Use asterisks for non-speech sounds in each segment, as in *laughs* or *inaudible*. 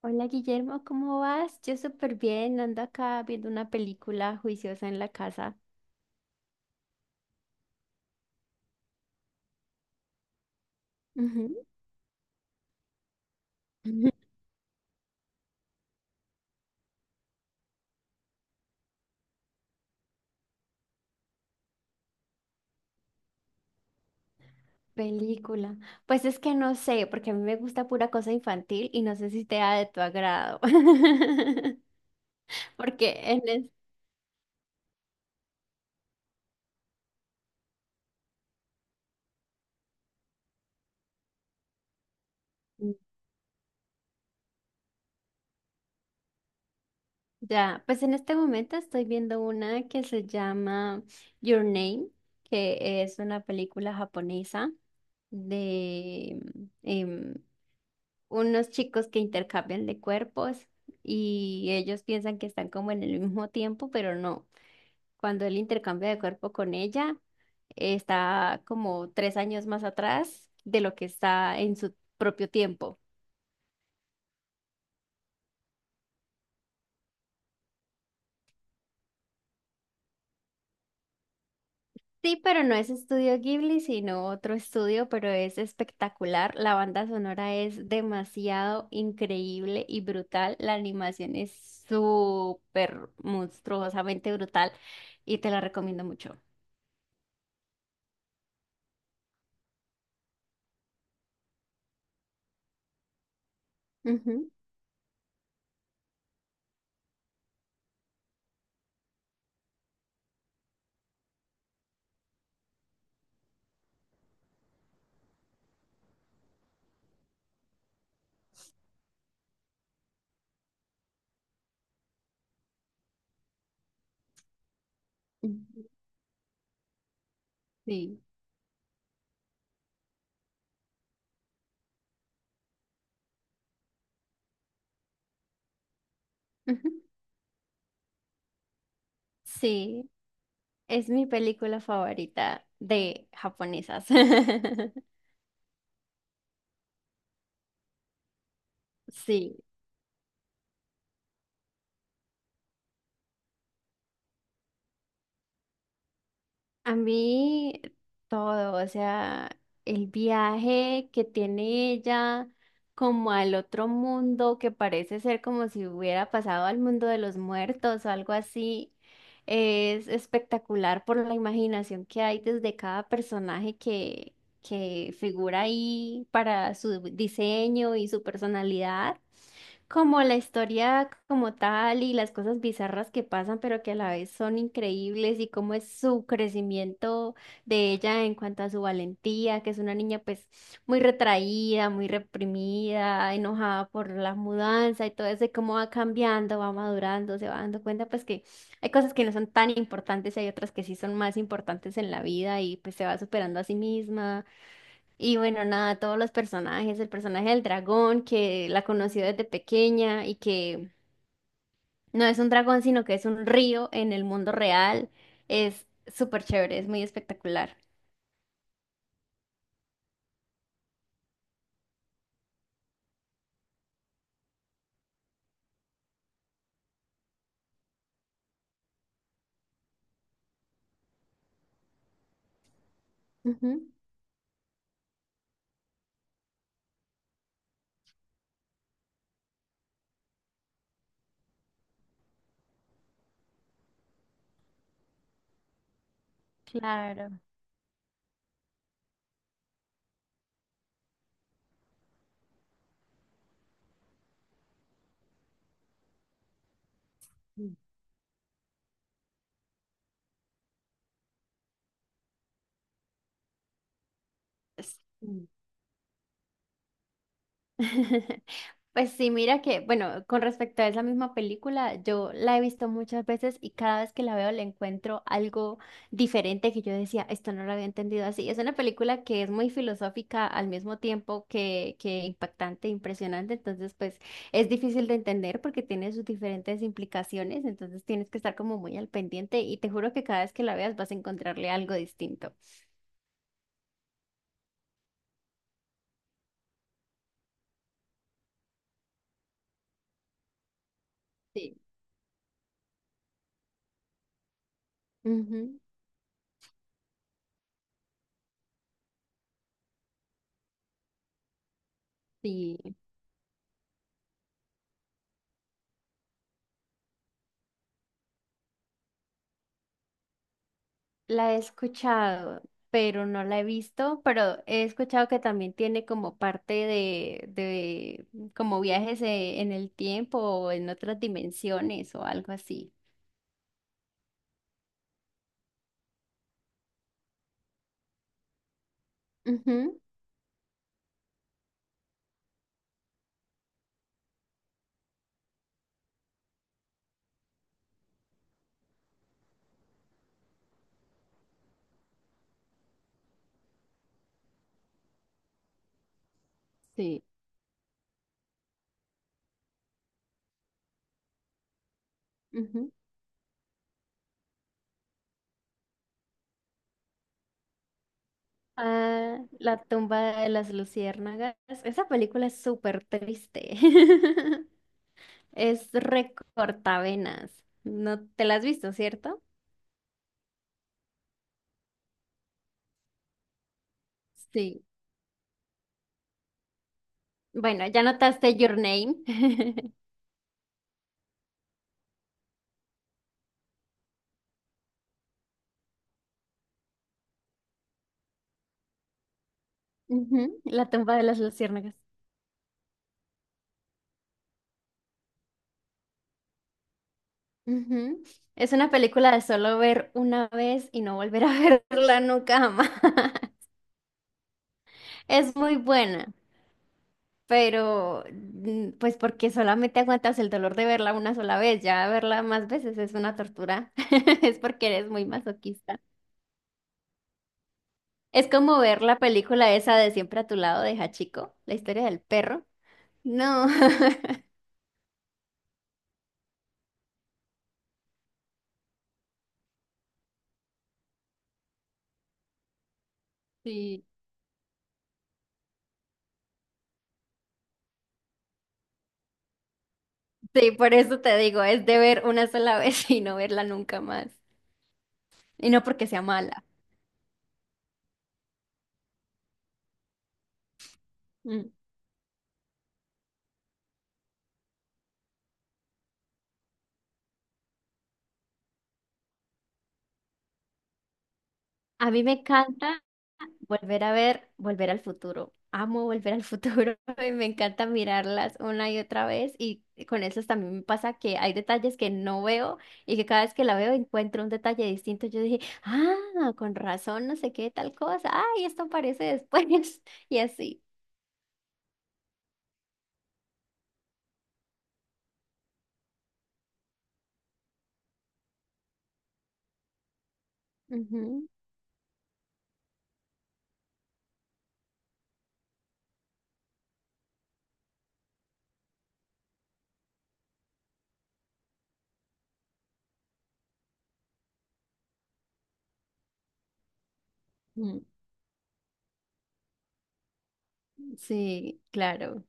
Hola Guillermo, ¿cómo vas? Yo súper bien, ando acá viendo una película juiciosa en la casa. Ujú. *laughs* Película. Pues es que no sé, porque a mí me gusta pura cosa infantil y no sé si sea de tu agrado. *laughs* Porque en es- ya, pues en este momento estoy viendo una que se llama Your Name, que es una película japonesa de em, unos chicos que intercambian de cuerpos y ellos piensan que están como en el mismo tiempo, pero no. Cuando él intercambia de cuerpo con ella, está como tres años más atrás de lo que está en su propio tiempo. Sí, pero no es Estudio Ghibli, sino otro estudio, pero es espectacular. La banda sonora es demasiado increíble y brutal. La animación es súper monstruosamente brutal y te la recomiendo mucho. Ujú. Ujú. Sí. Ujú. Sí, es mi película favorita de japonesas. *laughs* Sí. A mí todo, o sea, el viaje que tiene ella como al otro mundo, que parece ser como si hubiera pasado al mundo de los muertos o algo así, es espectacular por la imaginación que hay desde cada personaje que figura ahí para su diseño y su personalidad, como la historia como tal y las cosas bizarras que pasan, pero que a la vez son increíbles y cómo es su crecimiento de ella en cuanto a su valentía, que es una niña pues muy retraída, muy reprimida, enojada por la mudanza y todo eso, y cómo va cambiando, va madurando, se va dando cuenta pues que hay cosas que no son tan importantes y hay otras que sí son más importantes en la vida y pues se va superando a sí misma. Y bueno, nada, todos los personajes, el personaje del dragón que la conoció desde pequeña y que no es un dragón, sino que es un río en el mundo real, es súper chévere, es muy espectacular. Ujú. Claro. Mm. *laughs* Pues sí, mira que, bueno, con respecto a esa misma película, yo la he visto muchas veces y cada vez que la veo le encuentro algo diferente que yo decía, esto no lo había entendido así. Es una película que es muy filosófica al mismo tiempo que impactante, impresionante, entonces pues es difícil de entender porque tiene sus diferentes implicaciones, entonces tienes que estar como muy al pendiente y te juro que cada vez que la veas vas a encontrarle algo distinto. Sí. Ujú. Sí. La he escuchado, pero no la he visto, pero he escuchado que también tiene como parte de como viajes en el tiempo o en otras dimensiones o algo así. Ujú. Sí. Ujú. Ah, La tumba de las luciérnagas. Esa película es súper triste. *laughs* Es recortavenas. No te la has visto, ¿cierto? Sí. Bueno, ya notaste Your Name. *laughs* Ujú, La tumba de las luciérnagas. Ujú. Es una película de solo ver una vez y no volver a *laughs* verla nunca jamás. *laughs* Es muy buena, pero pues porque solamente aguantas el dolor de verla una sola vez, ya verla más veces es una tortura. *laughs* Es porque eres muy masoquista. Es como ver la película esa de Siempre a tu lado de Hachiko, la historia del perro. No. *laughs* Sí. Sí, por eso te digo, es de ver una sola *laughs* vez y no verla nunca más. Y no porque sea mala. Mm. A mí me encanta volver a ver Volver al Futuro. Amo Volver al Futuro *laughs* y me encanta mirarlas una y otra vez. Y con esas también me pasa que hay detalles que no veo y que cada vez que la veo encuentro un detalle distinto. Yo dije, ah, con razón, no sé qué, tal cosa. Ay, esto aparece después. *laughs* Y así. Ujú. Mm. Sí, claro.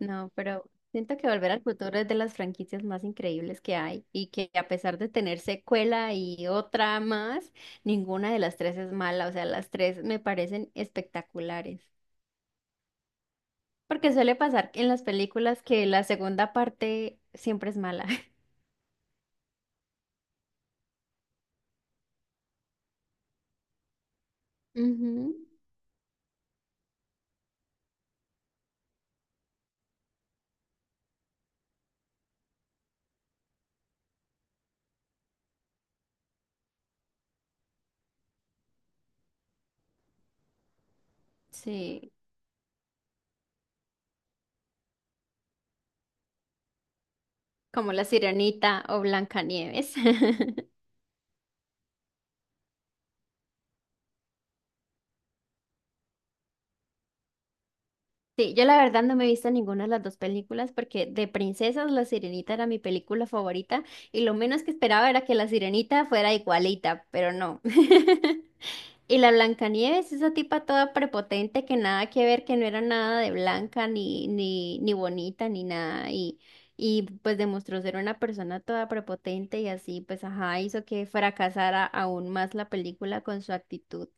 No, pero siento que Volver al Futuro es de las franquicias más increíbles que hay y que a pesar de tener secuela y otra más, ninguna de las tres es mala. O sea, las tres me parecen espectaculares. Porque suele pasar en las películas que la segunda parte siempre es mala. *laughs* Ujú. Sí, como La Sirenita o Blancanieves. *laughs* Sí, yo la verdad no me he visto ninguna de las dos películas porque de princesas La Sirenita era mi película favorita y lo menos que esperaba era que La Sirenita fuera igualita, pero no. *laughs* Y la Blancanieves, esa tipa toda prepotente que nada que ver, que no era nada de blanca ni bonita ni nada, y pues demostró ser una persona toda prepotente y así pues ajá, hizo que fracasara aún más la película con su actitud.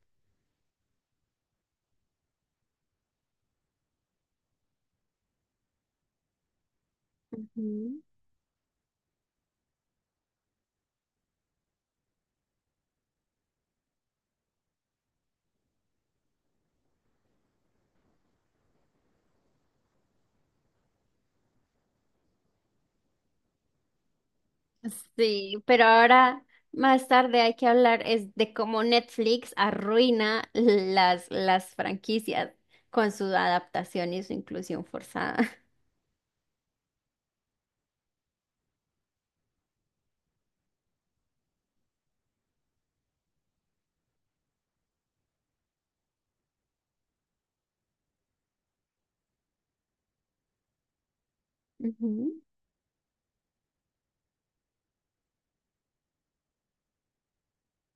Ujú. Sí, pero ahora más tarde hay que hablar es de cómo Netflix arruina las franquicias con su adaptación y su inclusión forzada. *laughs* Ujú.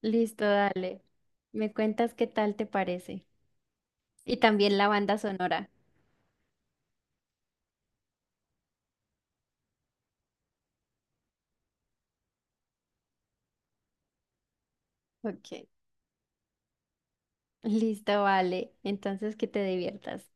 Listo, dale. Me cuentas qué tal te parece. Y también la banda sonora. Ok. Listo, vale. Entonces que te diviertas.